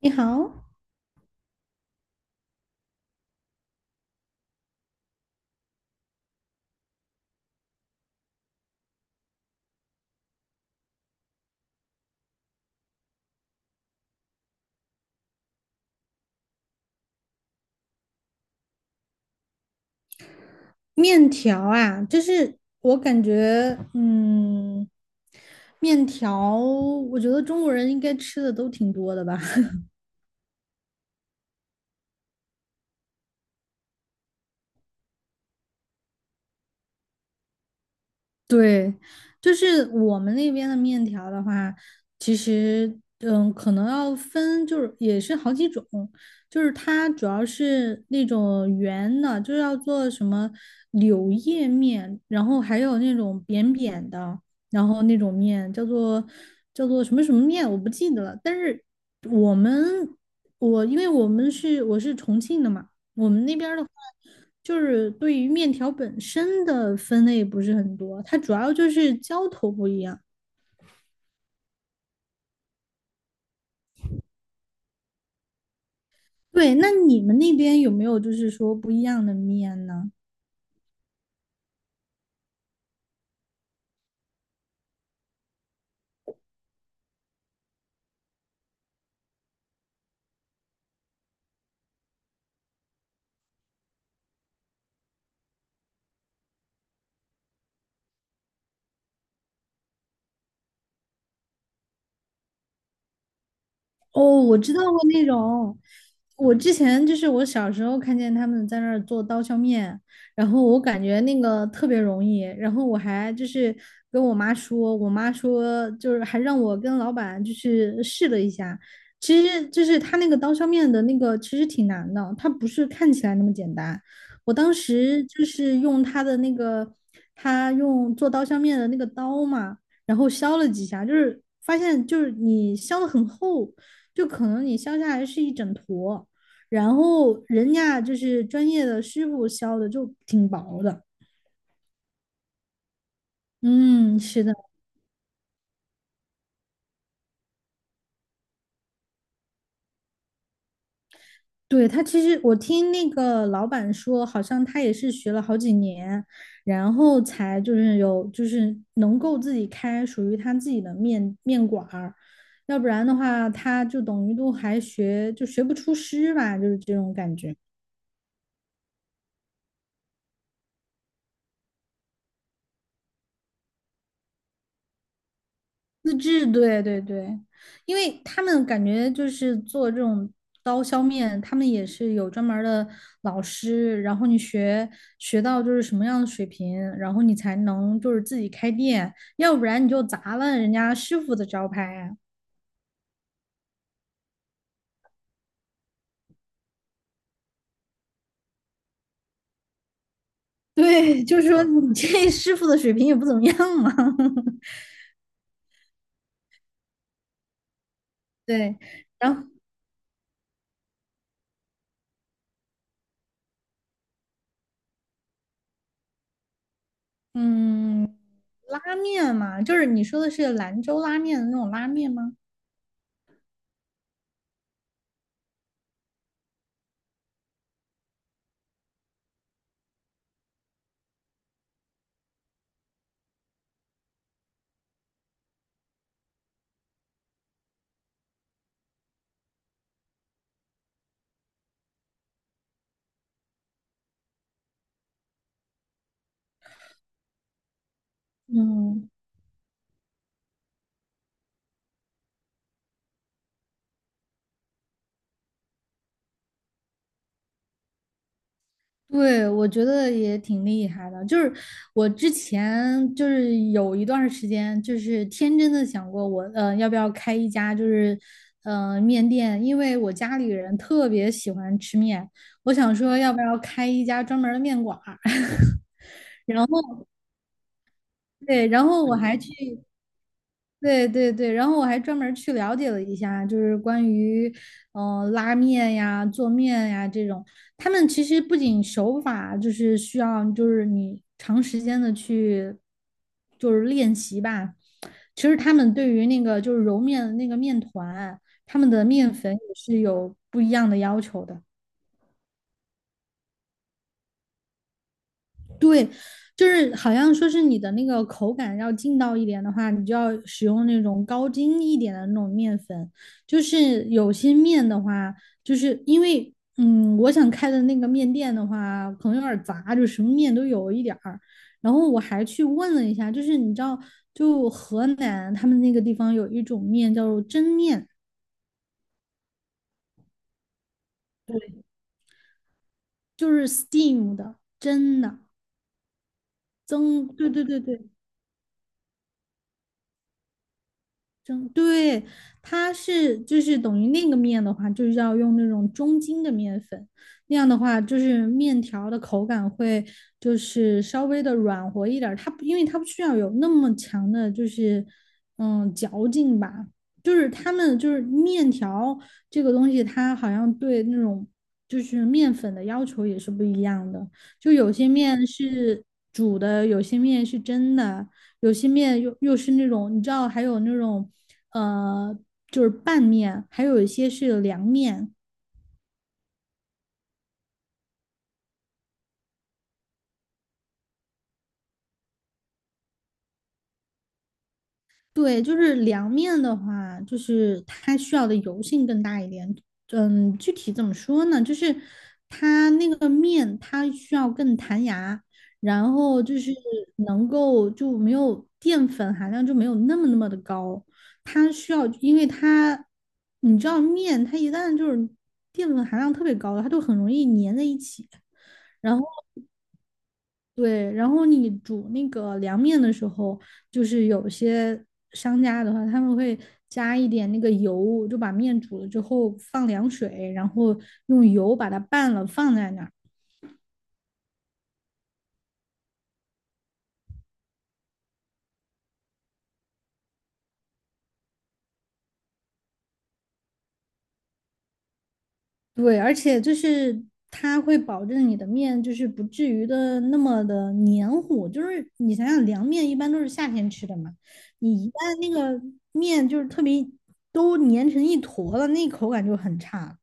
你好。面条啊，就是我感觉，面条，我觉得中国人应该吃的都挺多的吧。对，就是我们那边的面条的话，其实可能要分，就是也是好几种，就是它主要是那种圆的，就是要做什么柳叶面，然后还有那种扁扁的，然后那种面叫做什么面，我不记得了。但是我们我因为我是重庆的嘛。我们那边儿的话，就是对于面条本身的分类不是很多，它主要就是浇头不一样。对，那你们那边有没有就是说不一样的面呢？哦，我知道过那种。我之前就是我小时候看见他们在那儿做刀削面，然后我感觉那个特别容易，然后我还就是跟我妈说，我妈说就是还让我跟老板就是试了一下，其实就是他那个刀削面的那个其实挺难的，它不是看起来那么简单。我当时就是用他的那个，他用做刀削面的那个刀嘛。然后削了几下，就是发现就是你削的很厚，就可能你削下来是一整坨，然后人家就是专业的师傅削的就挺薄的。嗯，是的。对，他其实我听那个老板说，好像他也是学了好几年，然后才就是有就是能够自己开属于他自己的面馆儿，要不然的话，他就等于都还学不出师吧，就是这种感觉。自制，对对对，因为他们感觉就是做这种刀削面，他们也是有专门儿的老师，然后你学到就是什么样的水平，然后你才能就是自己开店，要不然你就砸了人家师傅的招牌啊。 对，就是说你这师傅的水平也不怎么样嘛。对，然后嗯，拉面嘛，就是你说的是兰州拉面的那种拉面吗？嗯。对，我觉得也挺厉害的。就是我之前就是有一段时间，就是天真的想过我，要不要开一家就是，面店？因为我家里人特别喜欢吃面，我想说要不要开一家专门儿的面馆儿。对，然后我还去对对对，然后我还专门儿去了解了一下，就是关于拉面呀、做面呀这种，他们其实不仅手法就是需要，就是你长时间的去就是练习吧。其实他们对于那个就是揉面的那个面团，他们的面粉也是有不一样的要求的。对，就是好像说是你的那个口感要劲道一点的话，你就要使用那种高筋一点的那种面粉。就是有些面的话，就是因为我想开的那个面店的话，可能有点杂，就什么面都有一点儿。然后我还去问了一下，就是你知道，就河南他们那个地方有一种面叫做蒸面，就是 steam 的蒸的蒸，对对对对。蒸，对，它是就是等于那个面的话，就是要用那种中筋的面粉，那样的话就是面条的口感会就是稍微的软和一点儿，它不因为它不需要有那么强的就是嚼劲吧，就是他们就是面条这个东西，它好像对那种就是面粉的要求也是不一样的，就有些面是煮的，有些面是蒸的。有些面又是那种，你知道，还有那种呃，就是拌面，还有一些是凉面。对，就是凉面的话，就是它需要的油性更大一点。嗯，具体怎么说呢？就是它那个面，它需要更弹牙，然后就是能够就没有淀粉含量就没有那么的高。它需要，因为它你知道面，它一旦就是淀粉含量特别高的，它就很容易粘在一起。然后对，然后你煮那个凉面的时候，就是有些商家的话，他们会加一点那个油，就把面煮了之后放凉水，然后用油把它拌了放在那儿。对，而且就是它会保证你的面就是不至于的那么的黏糊。就是你想想，凉面一般都是夏天吃的嘛，你一旦那个面就是特别都粘成一坨了，那口感就很差了。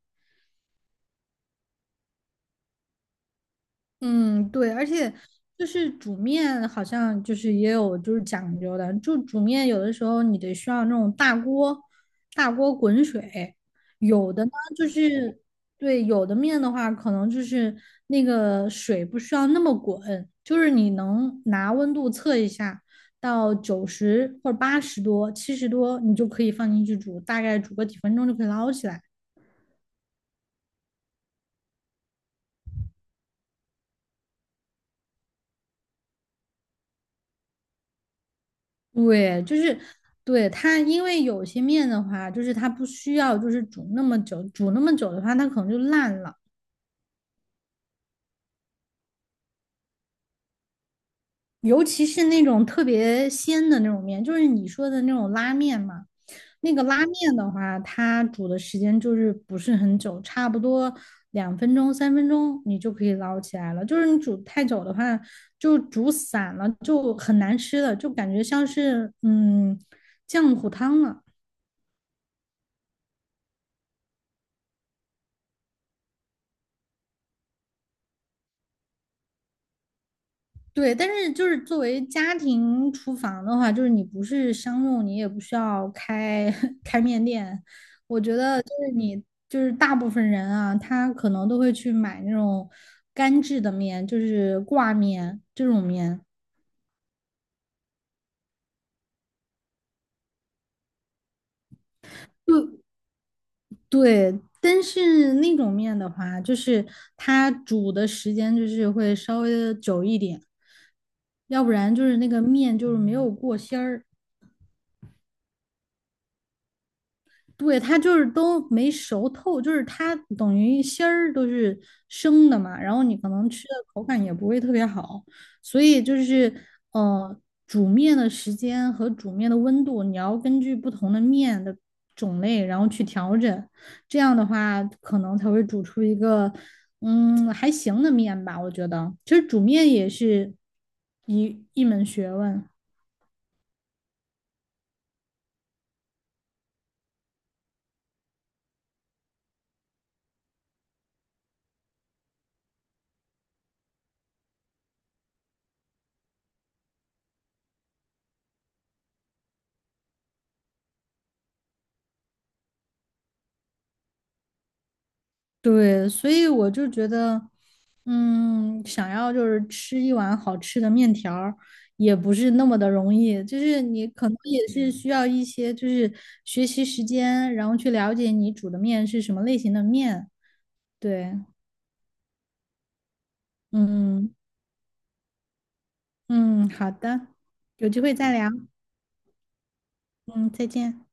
嗯，对，而且就是煮面，好像就是也有就是讲究的，就煮面有的时候你得需要那种大锅，大锅滚水，有的呢就是对，有的面的话，可能就是那个水不需要那么滚，就是你能拿温度测一下，到九十或者八十多、七十多，你就可以放进去煮，大概煮个几分钟就可以捞起来。对，就是对它，因为有些面的话，就是它不需要就是煮那么久，煮那么久的话，它可能就烂了。尤其是那种特别鲜的那种面，就是你说的那种拉面嘛，那个拉面的话，它煮的时间就是不是很久，差不多两分钟、三分钟你就可以捞起来了。就是你煮太久的话，就煮散了，就很难吃了，就感觉像是浆糊汤了。对，但是就是作为家庭厨房的话，就是你不是商用，你也不需要开 开面店。我觉得就是你就是大部分人啊，他可能都会去买那种干制的面，就是挂面这种面。就对，但是那种面的话，就是它煮的时间就是会稍微的久一点，要不然就是那个面就是没有过芯儿。对，它就是都没熟透，就是它等于芯儿都是生的嘛，然后你可能吃的口感也不会特别好，所以就是呃，煮面的时间和煮面的温度，你要根据不同的面的种类，然后去调整，这样的话可能才会煮出一个还行的面吧，我觉得。其实煮面也是一门学问，对，所以我就觉得。嗯，想要就是吃一碗好吃的面条儿也不是那么的容易。就是你可能也是需要一些就是学习时间，然后去了解你煮的面是什么类型的面。对，嗯嗯，好的，有机会再聊。嗯，再见。